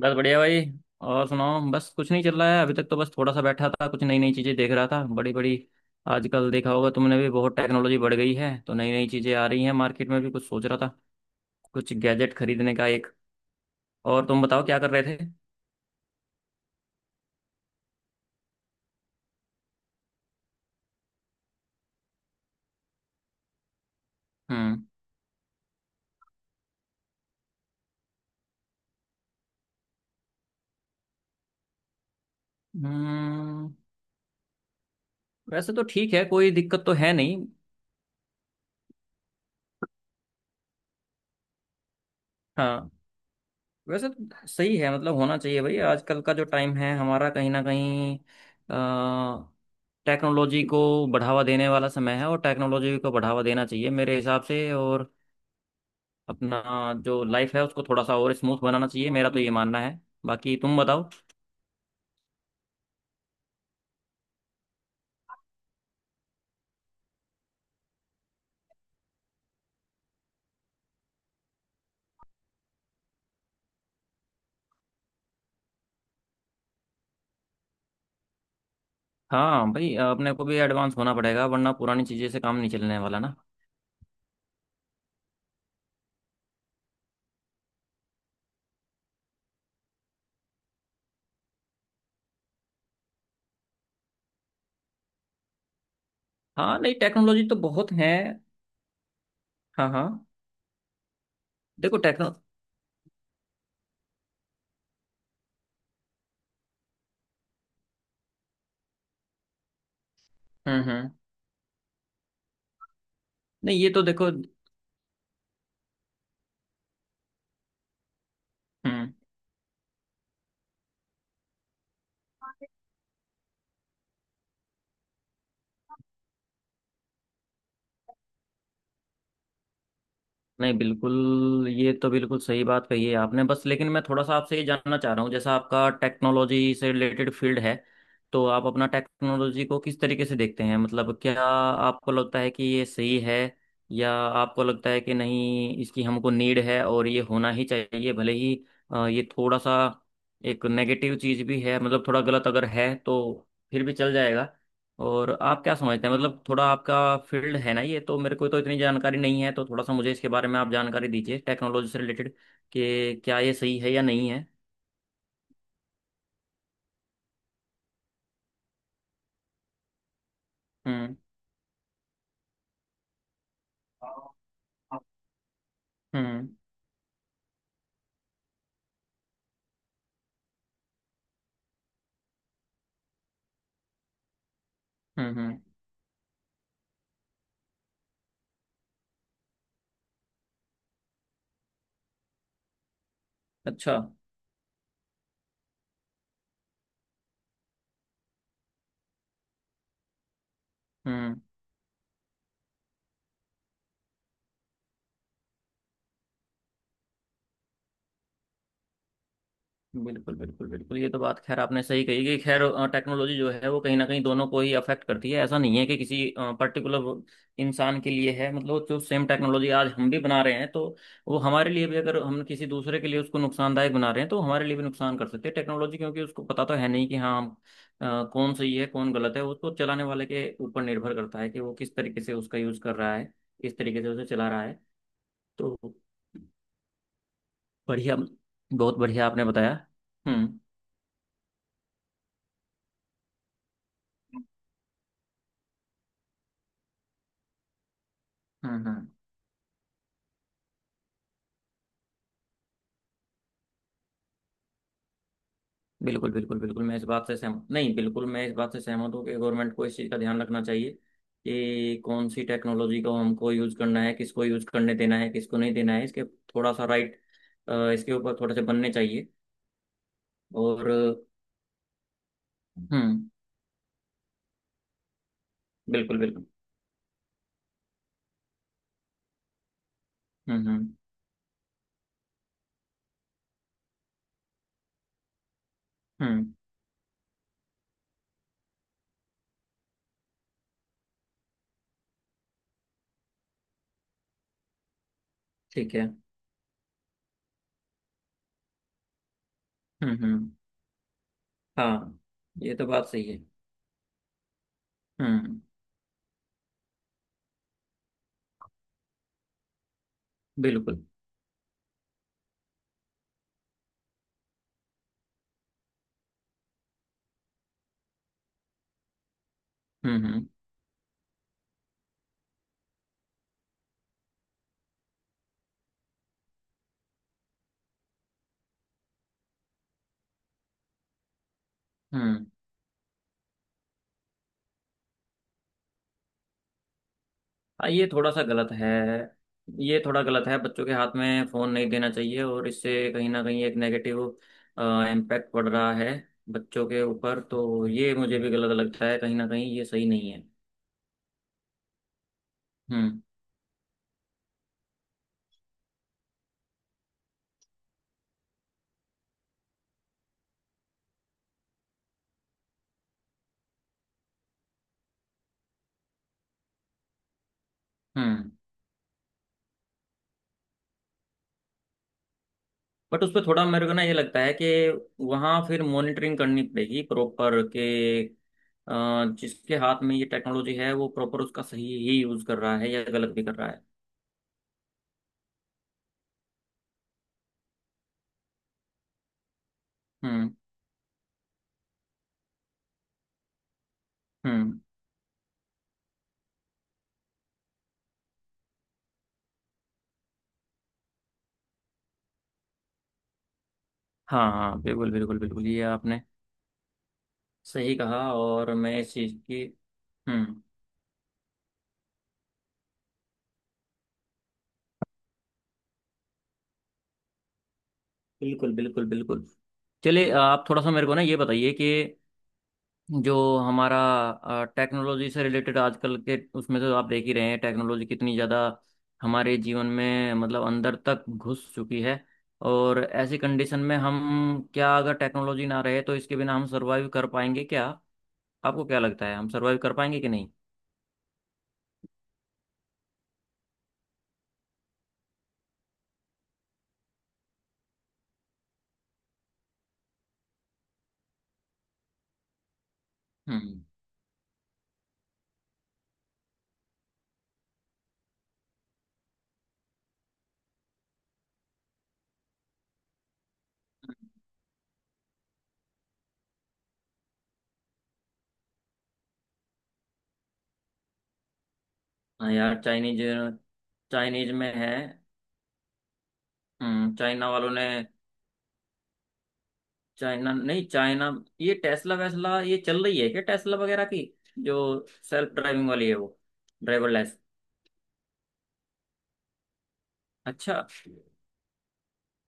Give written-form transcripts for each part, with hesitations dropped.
बस बढ़िया भाई। और सुनाओ, बस कुछ नहीं चल रहा है अभी तक तो। बस थोड़ा सा बैठा था, कुछ नई नई चीज़ें देख रहा था, बड़ी बड़ी। आजकल देखा होगा तुमने भी, बहुत टेक्नोलॉजी बढ़ गई है तो नई नई चीज़ें आ रही हैं मार्केट में भी। कुछ सोच रहा था कुछ गैजेट खरीदने का एक। और तुम बताओ क्या कर रहे थे। हम्म। हम्म, वैसे तो ठीक है, कोई दिक्कत तो है नहीं। हाँ, वैसे तो सही है। मतलब होना चाहिए भाई, आजकल का जो टाइम है हमारा, कहीं ना कहीं अ, टेक्नोलॉजी को बढ़ावा देने वाला समय है। और टेक्नोलॉजी को बढ़ावा देना चाहिए मेरे हिसाब से। और अपना जो लाइफ है उसको थोड़ा सा और स्मूथ बनाना चाहिए, मेरा तो ये मानना है। बाकी तुम बताओ। हाँ भाई, अपने को भी एडवांस होना पड़ेगा वरना पुरानी चीज़ें से काम नहीं चलने वाला ना। हाँ, नहीं टेक्नोलॉजी तो बहुत है। हाँ हाँ। देखो टेक्नो हम्म। नहीं ये तो देखो। हम्म। नहीं बिल्कुल, ये तो बिल्कुल सही बात कही है आपने। बस लेकिन मैं थोड़ा सा आपसे ये जानना चाह रहा हूँ, जैसा आपका टेक्नोलॉजी से रिलेटेड फील्ड है, तो आप अपना टेक्नोलॉजी को किस तरीके से देखते हैं? मतलब क्या आपको लगता है कि ये सही है, या आपको लगता है कि नहीं, इसकी हमको नीड है और ये होना ही चाहिए, भले ही ये थोड़ा सा एक नेगेटिव चीज़ भी है, मतलब थोड़ा गलत अगर है तो फिर भी चल जाएगा। और आप क्या समझते हैं? मतलब थोड़ा आपका फील्ड है ना ये, तो मेरे को तो इतनी जानकारी नहीं है, तो थोड़ा सा मुझे इसके बारे में आप जानकारी दीजिए टेक्नोलॉजी से रिलेटेड कि क्या ये सही है या नहीं है। हम्म। हम्म। हम्म। हम्म। अच्छा। हम्म। बिल्कुल बिल्कुल बिल्कुल, ये तो बात खैर आपने सही कही कि खैर टेक्नोलॉजी जो है वो कहीं ना कहीं दोनों को ही अफेक्ट करती है। ऐसा नहीं है कि किसी पर्टिकुलर इंसान के लिए है। मतलब जो सेम टेक्नोलॉजी आज हम भी बना रहे हैं तो वो हमारे लिए भी, अगर हम किसी दूसरे के लिए उसको नुकसानदायक बना रहे हैं तो हमारे लिए भी नुकसान कर सकते हैं टेक्नोलॉजी, क्योंकि उसको पता तो है नहीं कि हाँ हम कौन सही है कौन गलत है। उसको चलाने वाले के ऊपर निर्भर करता है कि वो किस तरीके से उसका यूज कर रहा है, किस तरीके से उसे चला रहा है तो। बढ़िया, बहुत बढ़िया आपने बताया। हम्म हम्म। बिल्कुल बिल्कुल बिल्कुल, मैं इस बात से सहमत नहीं। बिल्कुल मैं इस बात से सहमत हूँ कि गवर्नमेंट को इस चीज़ का ध्यान रखना चाहिए कि कौन सी टेक्नोलॉजी को हमको यूज़ करना है, किसको यूज़ करने देना है, किसको नहीं देना है। इसके थोड़ा सा राइट इसके ऊपर थोड़े से बनने चाहिए। और। हम्म। बिल्कुल बिल्कुल। हम्म हम्म हम्म। ठीक है। हम्म। हाँ ये तो बात सही है। हम्म। बिल्कुल। हम्म हम्म हम्म। हाँ, ये थोड़ा सा गलत है। ये थोड़ा गलत है, बच्चों के हाथ में फ़ोन नहीं देना चाहिए और इससे कहीं ना कहीं एक नेगेटिव इम्पैक्ट पड़ रहा है बच्चों के ऊपर। तो ये मुझे भी गलत लगता है, कहीं ना कहीं ये सही नहीं है। हम्म हम्म। बट उस पर थोड़ा मेरे को ना ये लगता है कि वहाँ फिर मॉनिटरिंग करनी पड़ेगी प्रॉपर के जिसके हाथ में ये टेक्नोलॉजी है वो प्रॉपर उसका सही ही यूज़ कर रहा है या गलत भी कर रहा है। हम्म हम्म। हाँ हाँ बिल्कुल बिल्कुल बिल्कुल, ये आपने सही कहा और मैं इस चीज़ की। हम्म। बिल्कुल बिल्कुल बिल्कुल। चलिए आप थोड़ा सा मेरे को ना ये बताइए कि जो हमारा टेक्नोलॉजी से रिलेटेड आजकल के उसमें तो आप देख ही रहे हैं टेक्नोलॉजी कितनी ज़्यादा हमारे जीवन में मतलब अंदर तक घुस चुकी है। और ऐसी कंडीशन में हम क्या अगर टेक्नोलॉजी ना रहे तो इसके बिना हम सर्वाइव कर पाएंगे क्या? आपको क्या लगता है हम सर्वाइव कर पाएंगे कि नहीं? हम्म। हाँ यार, चाइनीज। चाइनीज में है। हम्म, चाइना वालों ने। चाइना नहीं चाइना, ये टेस्ला वेस्ला ये चल रही है क्या? टेस्ला वगैरह की जो सेल्फ ड्राइविंग वाली है वो ड्राइवरलेस। अच्छा।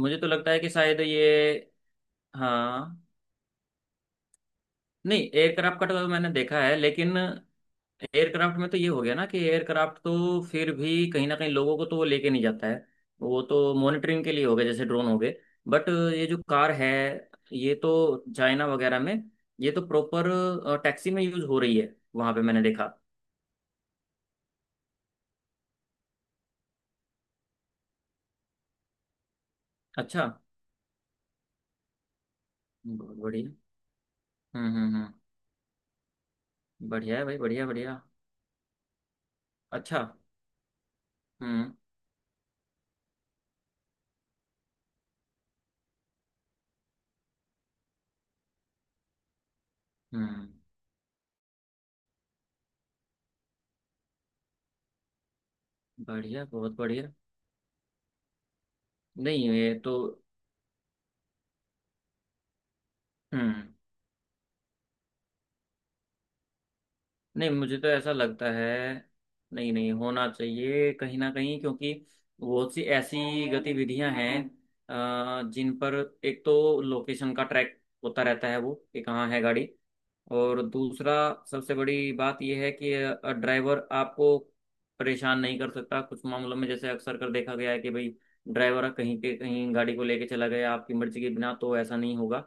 मुझे तो लगता है कि शायद ये। हाँ। नहीं, एयरक्राफ्ट का तो मैंने देखा है लेकिन एयरक्राफ्ट में तो ये हो गया ना कि एयरक्राफ्ट तो फिर भी कहीं ना कहीं लोगों को तो वो लेके नहीं जाता है, वो तो मॉनिटरिंग के लिए हो गए जैसे ड्रोन हो गए। बट ये जो कार है, ये तो चाइना वगैरह में, ये तो प्रॉपर टैक्सी में यूज हो रही है वहां पे मैंने देखा। अच्छा, बहुत बढ़िया। हम्म। बढ़िया है भाई, बढ़िया बढ़िया। अच्छा। हम्म हम्म। बढ़िया बहुत बढ़िया। नहीं ये तो। हम्म। नहीं मुझे तो ऐसा लगता है। नहीं नहीं होना चाहिए कहीं ना कहीं, क्योंकि बहुत सी ऐसी गतिविधियां हैं जिन पर एक तो लोकेशन का ट्रैक होता रहता है वो कि कहाँ है गाड़ी। और दूसरा सबसे बड़ी बात यह है कि ड्राइवर आपको परेशान नहीं कर सकता कुछ मामलों में। जैसे अक्सर कर देखा गया है कि भाई ड्राइवर कहीं के कहीं गाड़ी को लेके चला गया आपकी मर्जी के बिना, तो ऐसा नहीं होगा।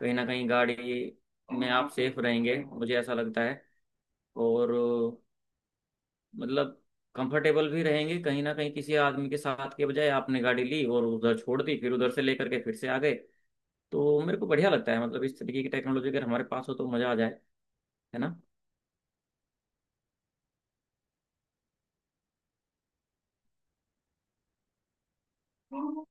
कहीं ना कहीं गाड़ी में आप सेफ रहेंगे, मुझे ऐसा लगता है। और मतलब कंफर्टेबल भी रहेंगे कहीं ना कहीं, किसी आदमी के साथ के बजाय आपने गाड़ी ली और उधर छोड़ दी फिर उधर से लेकर के फिर से आ गए। तो मेरे को बढ़िया लगता है, मतलब इस तरीके की टेक्नोलॉजी अगर हमारे पास हो तो मज़ा आ जाए। है ना? हम्म,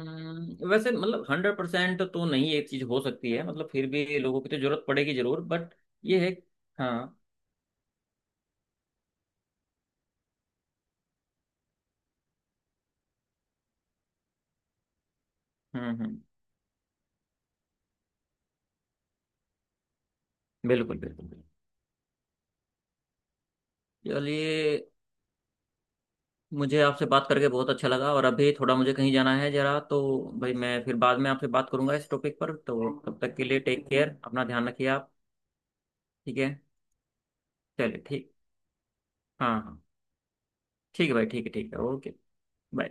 वैसे मतलब 100% तो नहीं, एक चीज हो सकती है मतलब फिर भी लोगों की तो जरूरत पड़ेगी जरूर बट ये है। हाँ। हम्म। बिल्कुल बिल्कुल बिल्कुल। चलिए, मुझे आपसे बात करके बहुत अच्छा लगा और अभी थोड़ा मुझे कहीं जाना है जरा तो। भाई मैं फिर बाद में आपसे बात करूंगा इस टॉपिक पर, तो तब तक के लिए टेक केयर, अपना ध्यान रखिए आप। ठीक है। चलिए ठीक। हाँ हाँ। ठीक है भाई, ठीक है ओके। बाय।